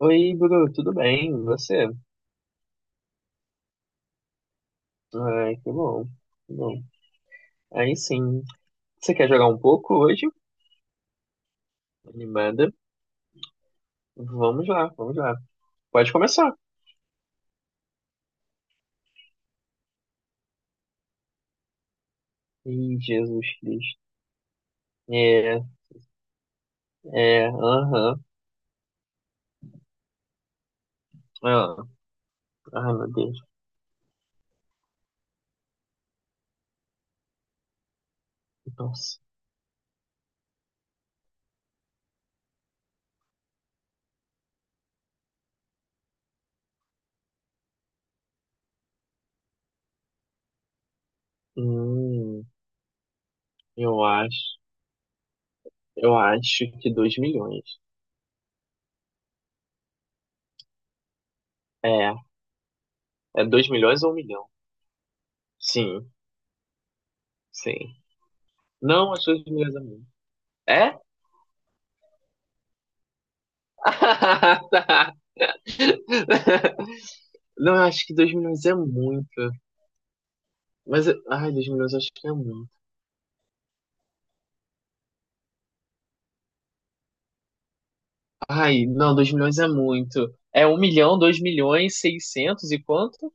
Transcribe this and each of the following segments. Oi, Bruno, tudo bem? E você? Ai, que bom. Que bom. Aí sim. Você quer jogar um pouco hoje? Animada? Vamos lá, vamos lá. Pode começar. Ih, Jesus Cristo. É, aham. Ah, ai, meu Deus. Nossa. Hum, eu acho. Eu acho que 2 milhões. É, é, 2 milhões ou 1 milhão? Sim, sim. Não, acho que 2 milhões é muito. É? Tá. Não, eu acho que 2 milhões é muito. Mas, ai, 2 milhões acho que é muito. Ai, não, dois milhões é muito. É um milhão, 2 milhões, 600 e quanto?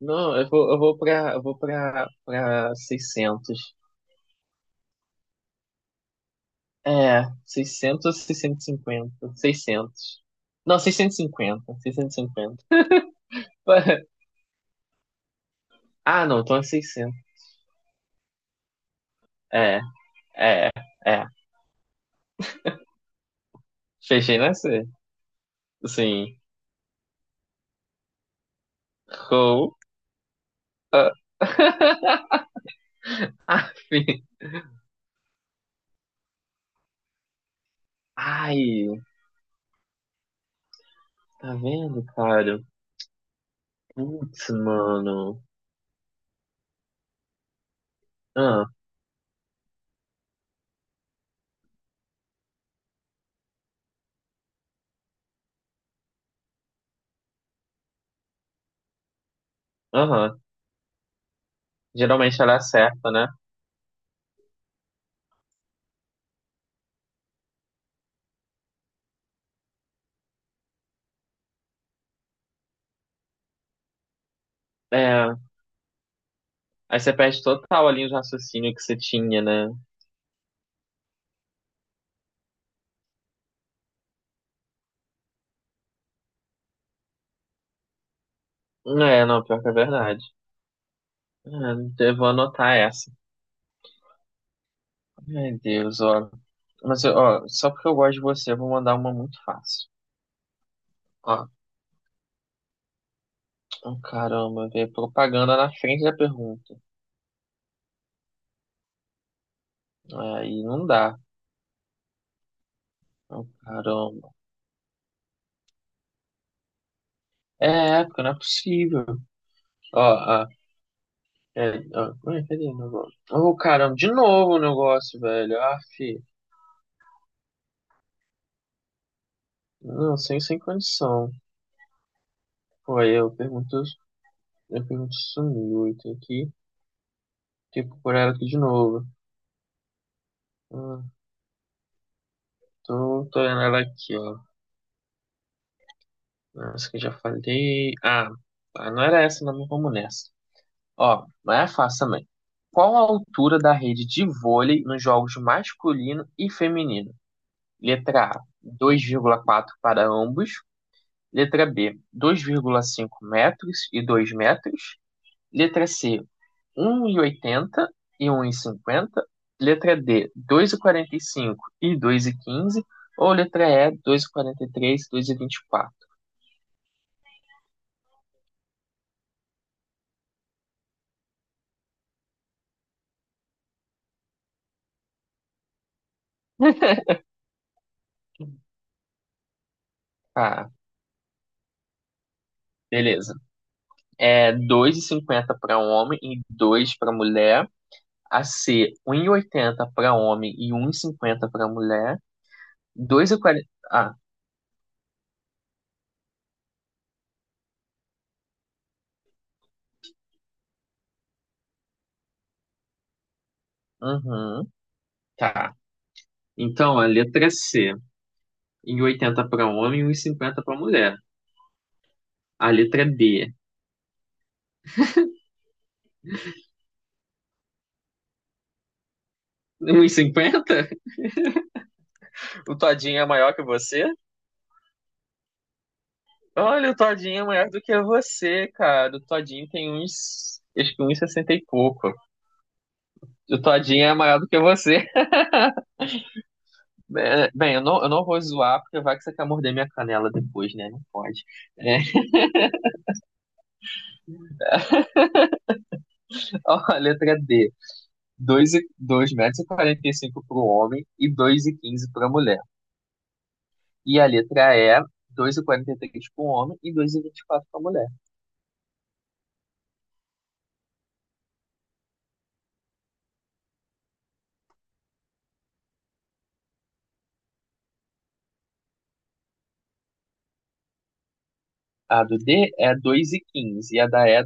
Não, eu vou pra, pra seiscentos. É, 600 ou 650, seiscentos. Não, seiscentos, seiscentos e cinquenta, seiscentos e cinquenta. Ah, não, então é seiscentos. É, é, é. Fechei na C. Sim. Roll up. Ai, tá vendo, cara? Putz, mano. Ah, aham. Geralmente ela acerta, né? É, aí você perde total ali o raciocínio que você tinha, né? É, não, pior que é verdade. É, eu vou anotar essa. Ai, Deus, ó. Mas, ó, só porque eu gosto de você, eu vou mandar uma muito fácil. Ó, oh, caramba, vê propaganda na frente da pergunta. Aí não dá. Oh, caramba. É, porque não é possível. Ó, ó. É, ó, ué, cadê o negócio? Oh, caramba, de novo o negócio, velho. Ah, fi. Não, sem condição. Foi, eu pergunto isso muito aqui. Tipo, por ela aqui de novo. Ah, tô olhando ela aqui, ó. Essa que eu já falei. Ah, tá, não era essa, não, mas vamos nessa. Ó, mas é fácil também. Qual a altura da rede de vôlei nos jogos masculino e feminino? Letra A, 2,4 para ambos. Letra B, 2,5 metros e 2 metros. Letra C, um e oitenta e um e cinquenta. Letra D, dois e quarenta e cinco, dois e quinze. Ou letra E, dois e quarenta e três, dois e vinte e quatro. Ah, beleza. É 2,50 para homem e 2 para mulher. A C, 1,80 para homem e 1,50 para mulher. 2,40. Ah, uhum, tá. Então, a letra C, um e oitenta para homem e um e cinquenta para mulher. A letra D, um e cinquenta. O Todinho é maior que você? Olha, o Todinho é maior do que você, cara. O Todinho tem uns, acho que uns 60 e pouco. O Todinho é maior do que você. É, bem, eu não vou zoar, porque vai que você quer morder minha canela depois, né? Não pode. É. Ó, a letra D. Dois metros e 45 para o homem e dois e quinze para a mulher. E a letra E, 2,43 para o homem e dois e vinte e quatro para a mulher. A do D é dois e quinze e a da E é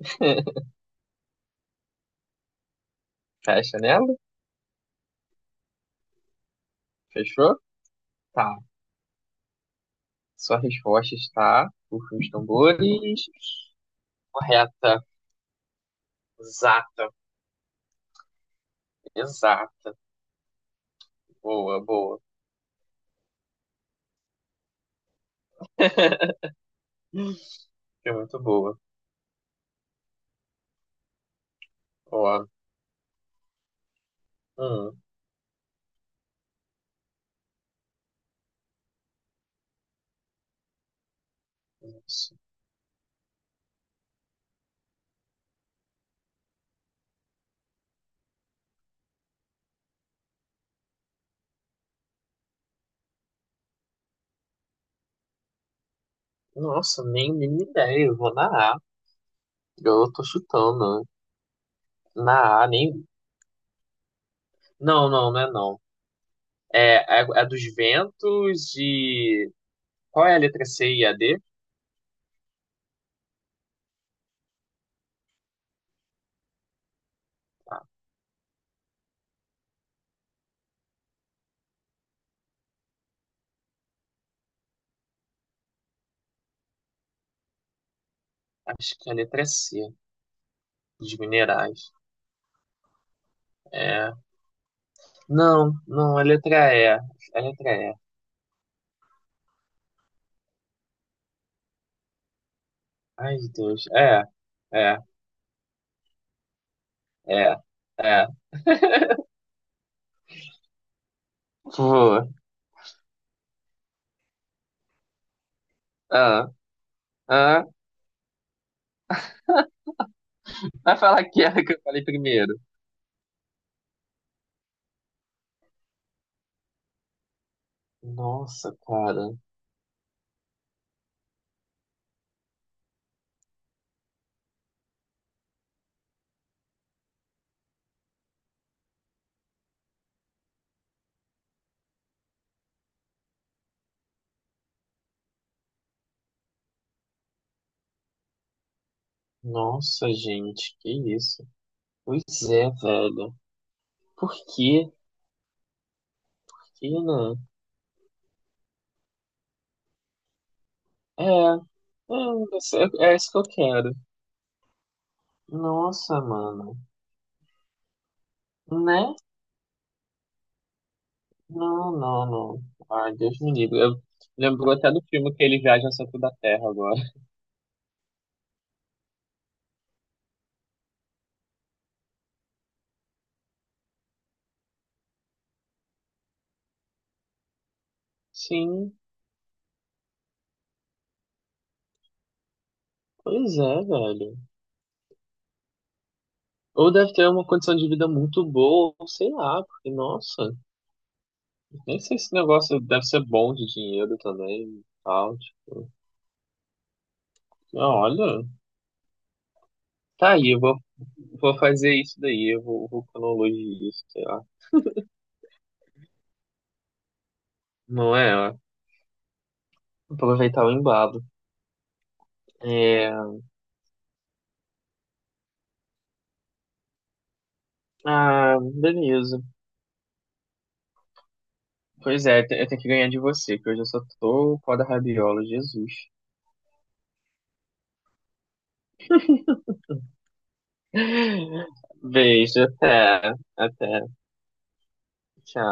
2,24. Fecha nela? Fechou? Tá. Sua resposta está, por os tambores, correta, exata, exata. Boa, boa. É muito boa. Ó, hum, nossa. Nossa, nem ideia, eu vou na A. Eu tô chutando. Né? Na A, nem. Não, não, não é não. É a dos ventos e. Qual é a letra C e a D? Acho que é a letra C, dos minerais. É. Não, não, a letra E. A letra E. Ai, Deus. É, é, é, é. Pô. Ah, ah. Vai falar que era que eu falei primeiro. Nossa, cara. Nossa, gente. Que isso? Pois é, velho. Por quê? Por quê, né? É é isso que eu quero. Nossa, mano. Né? Não, não, não. Ai, Deus me livre. Eu- lembrou até do filme que ele viaja ao centro da Terra agora. Sim, pois é, velho. Ou deve ter uma condição de vida muito boa, ou sei lá, porque, nossa, nem sei se esse negócio deve ser bom de dinheiro também e tal. Tipo, ah, olha, tá aí, eu vou, vou fazer isso daí, eu vou cronologia isso, sei lá. Não é, ó. Aproveitar o embalo. É... Ah, beleza. Pois é, eu tenho que ganhar de você, que hoje eu só tô o pó da rabiola, Jesus. Beijo, até, até, tchau.